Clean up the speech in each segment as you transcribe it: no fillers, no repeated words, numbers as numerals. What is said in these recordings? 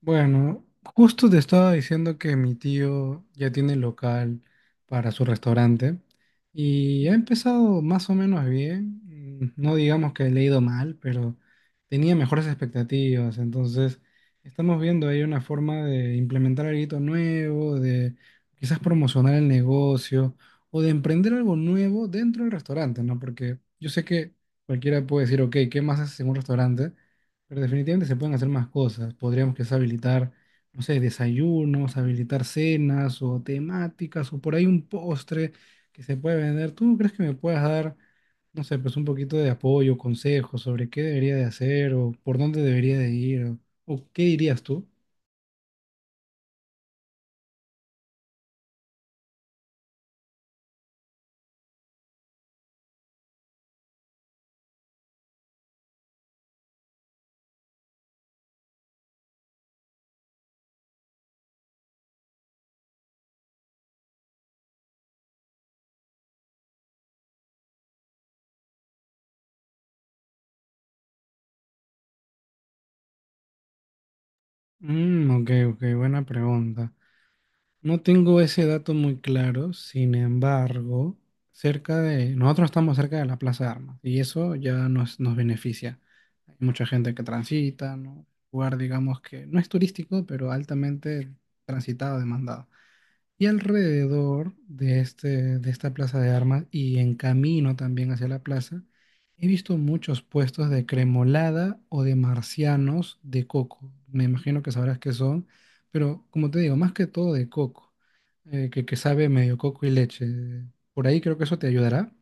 Bueno, justo te estaba diciendo que mi tío ya tiene local para su restaurante y ha empezado más o menos bien. No digamos que le ha ido mal, pero tenía mejores expectativas. Entonces, estamos viendo ahí una forma de implementar algo nuevo, de quizás promocionar el negocio o de emprender algo nuevo dentro del restaurante, ¿no? Porque yo sé que cualquiera puede decir, ok, ¿qué más haces en un restaurante? Pero definitivamente se pueden hacer más cosas. Podríamos quizás habilitar, no sé, desayunos, habilitar cenas o temáticas o por ahí un postre que se puede vender. ¿Tú crees que me puedas dar, no sé, pues un poquito de apoyo, consejos sobre qué debería de hacer o por dónde debería de ir o qué dirías tú? Mm, ok, ok, buena pregunta. No tengo ese dato muy claro, sin embargo, nosotros estamos cerca de la Plaza de Armas y eso ya nos beneficia. Hay mucha gente que transita, ¿no? Lugar, digamos que no es turístico, pero altamente transitado, demandado. Y de esta plaza de armas y en camino también hacia la plaza, he visto muchos puestos de cremolada o de marcianos de coco. Me imagino que sabrás qué son, pero como te digo, más que todo de coco, que sabe medio coco y leche. Por ahí creo que eso te ayudará.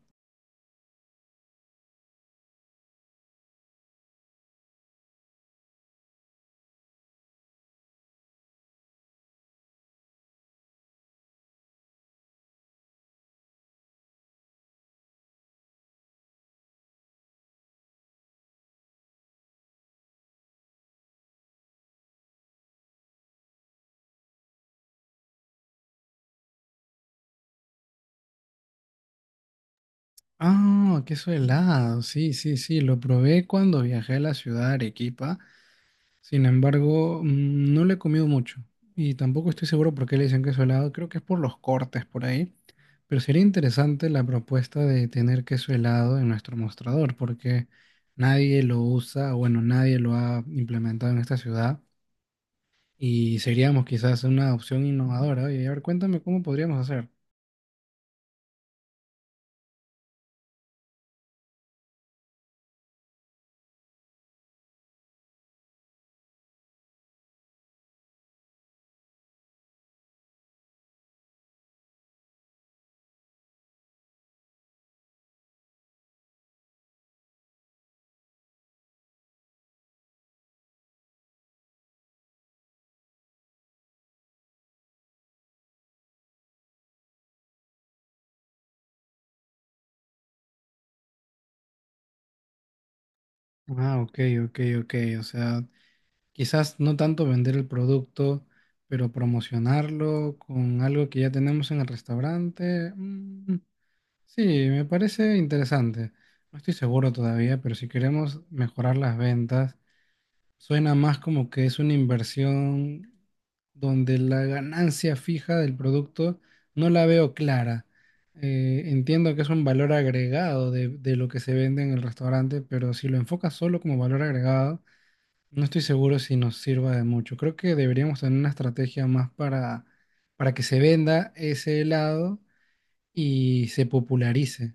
Ah, queso helado, sí, sí, sí, lo probé cuando viajé a la ciudad de Arequipa. Sin embargo, no le he comido mucho y tampoco estoy seguro por qué le dicen queso helado. Creo que es por los cortes por ahí. Pero sería interesante la propuesta de tener queso helado en nuestro mostrador porque nadie lo usa, o bueno, nadie lo ha implementado en esta ciudad y seríamos quizás una opción innovadora. Y a ver, cuéntame cómo podríamos hacer. Ah, ok, ok, ok. O sea, quizás no tanto vender el producto, pero promocionarlo con algo que ya tenemos en el restaurante. Sí, me parece interesante. No estoy seguro todavía, pero si queremos mejorar las ventas, suena más como que es una inversión donde la ganancia fija del producto no la veo clara. Entiendo que es un valor agregado de lo que se vende en el restaurante, pero si lo enfocas solo como valor agregado, no estoy seguro si nos sirva de mucho. Creo que deberíamos tener una estrategia más para que se venda ese helado y se popularice.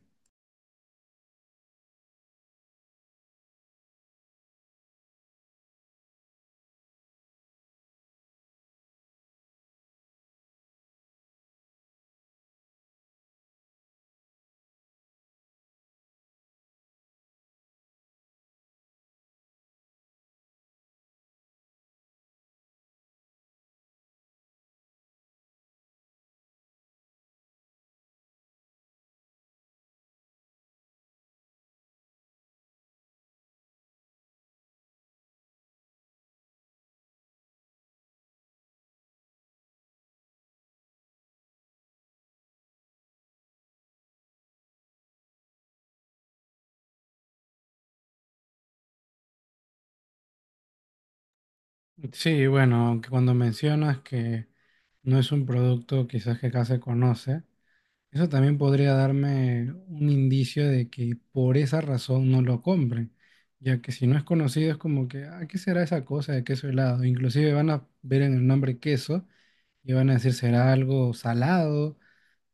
Sí, bueno, aunque cuando mencionas que no es un producto quizás que acá se conoce, eso también podría darme un indicio de que por esa razón no lo compren, ya que si no es conocido es como que, ah, ¿qué será esa cosa de queso helado? Inclusive van a ver en el nombre queso y van a decir, ¿será algo salado?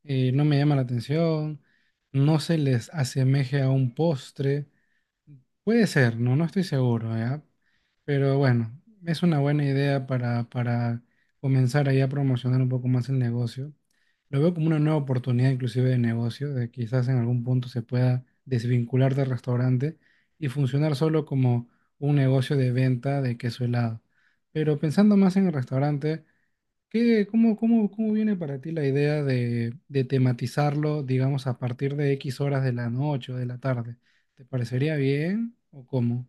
No me llama la atención, no se les asemeje a un postre. Puede ser, no, no estoy seguro, ¿ya? Pero bueno, es una buena idea para comenzar ahí a promocionar un poco más el negocio. Lo veo como una nueva oportunidad inclusive de negocio, de quizás en algún punto se pueda desvincular del restaurante y funcionar solo como un negocio de venta de queso helado. Pero pensando más en el restaurante, ¿Qué, cómo viene para ti la idea de tematizarlo, digamos, a partir de X horas de la noche o de la tarde? ¿Te parecería bien o cómo?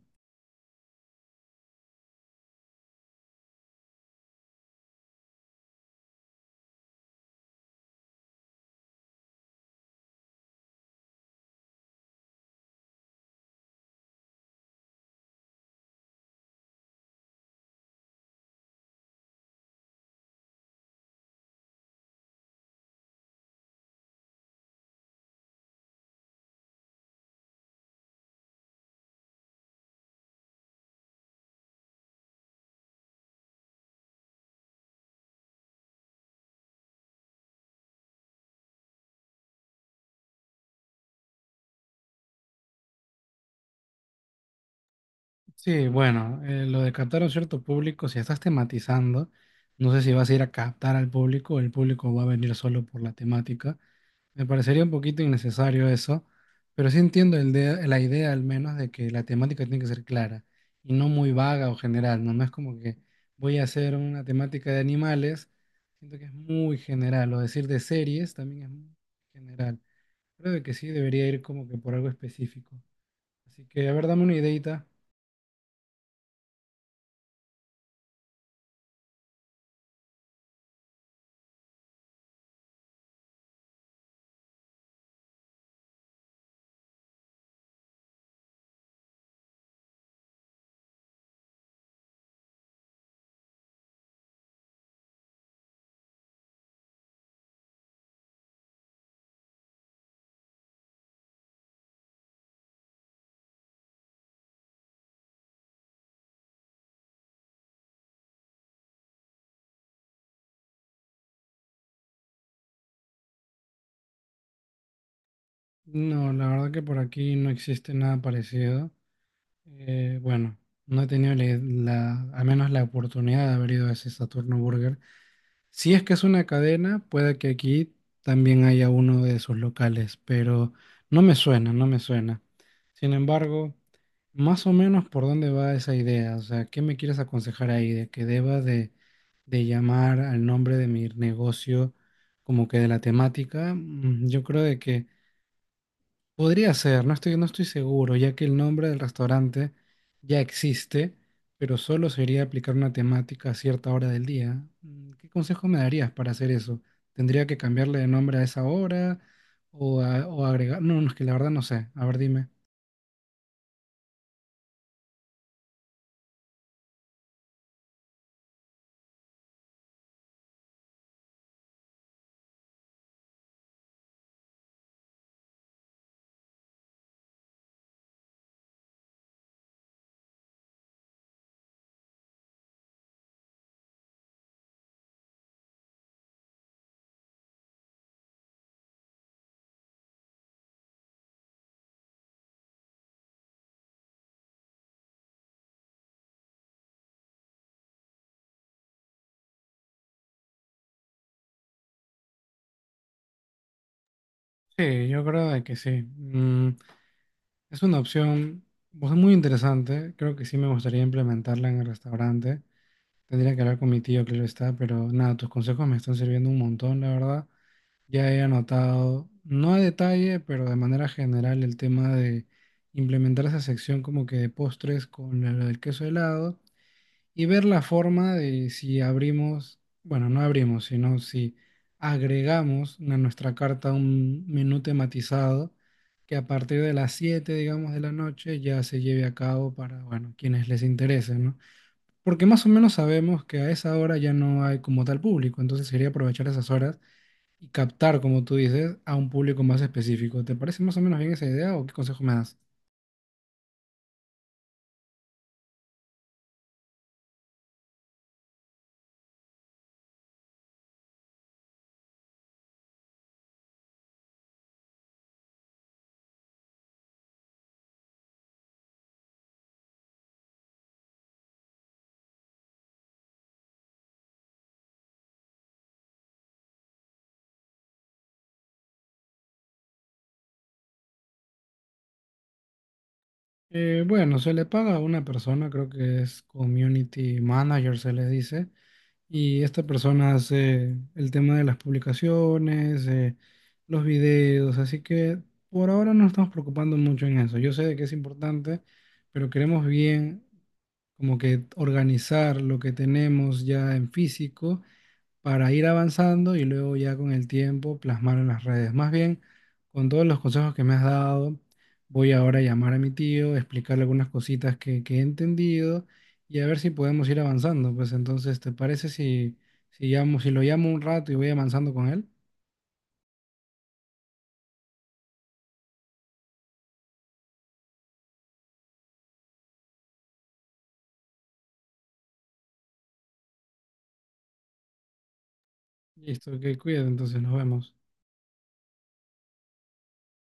Sí, bueno, lo de captar a un cierto público, si estás tematizando, no sé si vas a ir a captar al público o el público va a venir solo por la temática. Me parecería un poquito innecesario eso, pero sí entiendo la idea al menos de que la temática tiene que ser clara y no muy vaga o general, ¿no? No es como que voy a hacer una temática de animales, siento que es muy general, o decir de series también es muy general. Creo de que sí debería ir como que por algo específico. Así que, a ver, dame una ideita. No, la verdad que por aquí no existe nada parecido. Bueno, no he tenido al menos la oportunidad de haber ido a ese Saturno Burger. Si es que es una cadena, puede que aquí también haya uno de sus locales, pero no me suena, no me suena. Sin embargo, más o menos por dónde va esa idea, o sea, ¿qué me quieres aconsejar ahí? ¿De que deba de llamar al nombre de mi negocio como que de la temática? Mm, yo creo de que... Podría ser, no estoy seguro, ya que el nombre del restaurante ya existe, pero solo sería aplicar una temática a cierta hora del día. Mm, ¿Qué consejo me darías para hacer eso? ¿Tendría que cambiarle de nombre a esa hora o agregar? No, no, es que la verdad no sé. A ver, dime. Sí, yo creo de que sí. Mm, es una opción pues, muy interesante. Creo que sí me gustaría implementarla en el restaurante. Tendría que hablar con mi tío, que lo está, pero nada, tus consejos me están sirviendo un montón, la verdad. Ya he anotado, no a detalle, pero de manera general, el tema de implementar esa sección como que de postres con lo del queso helado y ver la forma de si abrimos, bueno, no abrimos, sino si agregamos a nuestra carta un menú tematizado que a partir de las 7 digamos, de la noche ya se lleve a cabo para, bueno, quienes les interese, ¿no? Porque más o menos sabemos que a esa hora ya no hay como tal público, entonces sería aprovechar esas horas y captar, como tú dices, a un público más específico. ¿Te parece más o menos bien esa idea o qué consejo me das? Bueno, se le paga a una persona, creo que es community manager, se le dice, y esta persona hace el tema de las publicaciones, los videos, así que por ahora no nos estamos preocupando mucho en eso. Yo sé de que es importante, pero queremos bien como que organizar lo que tenemos ya en físico para ir avanzando y luego ya con el tiempo plasmar en las redes. Más bien, con todos los consejos que me has dado, voy ahora a llamar a mi tío, explicarle algunas cositas que he entendido y a ver si podemos ir avanzando. Pues entonces, ¿te parece si, si llamo, si lo llamo un rato y voy avanzando con él? Listo, que cuídate, entonces nos vemos.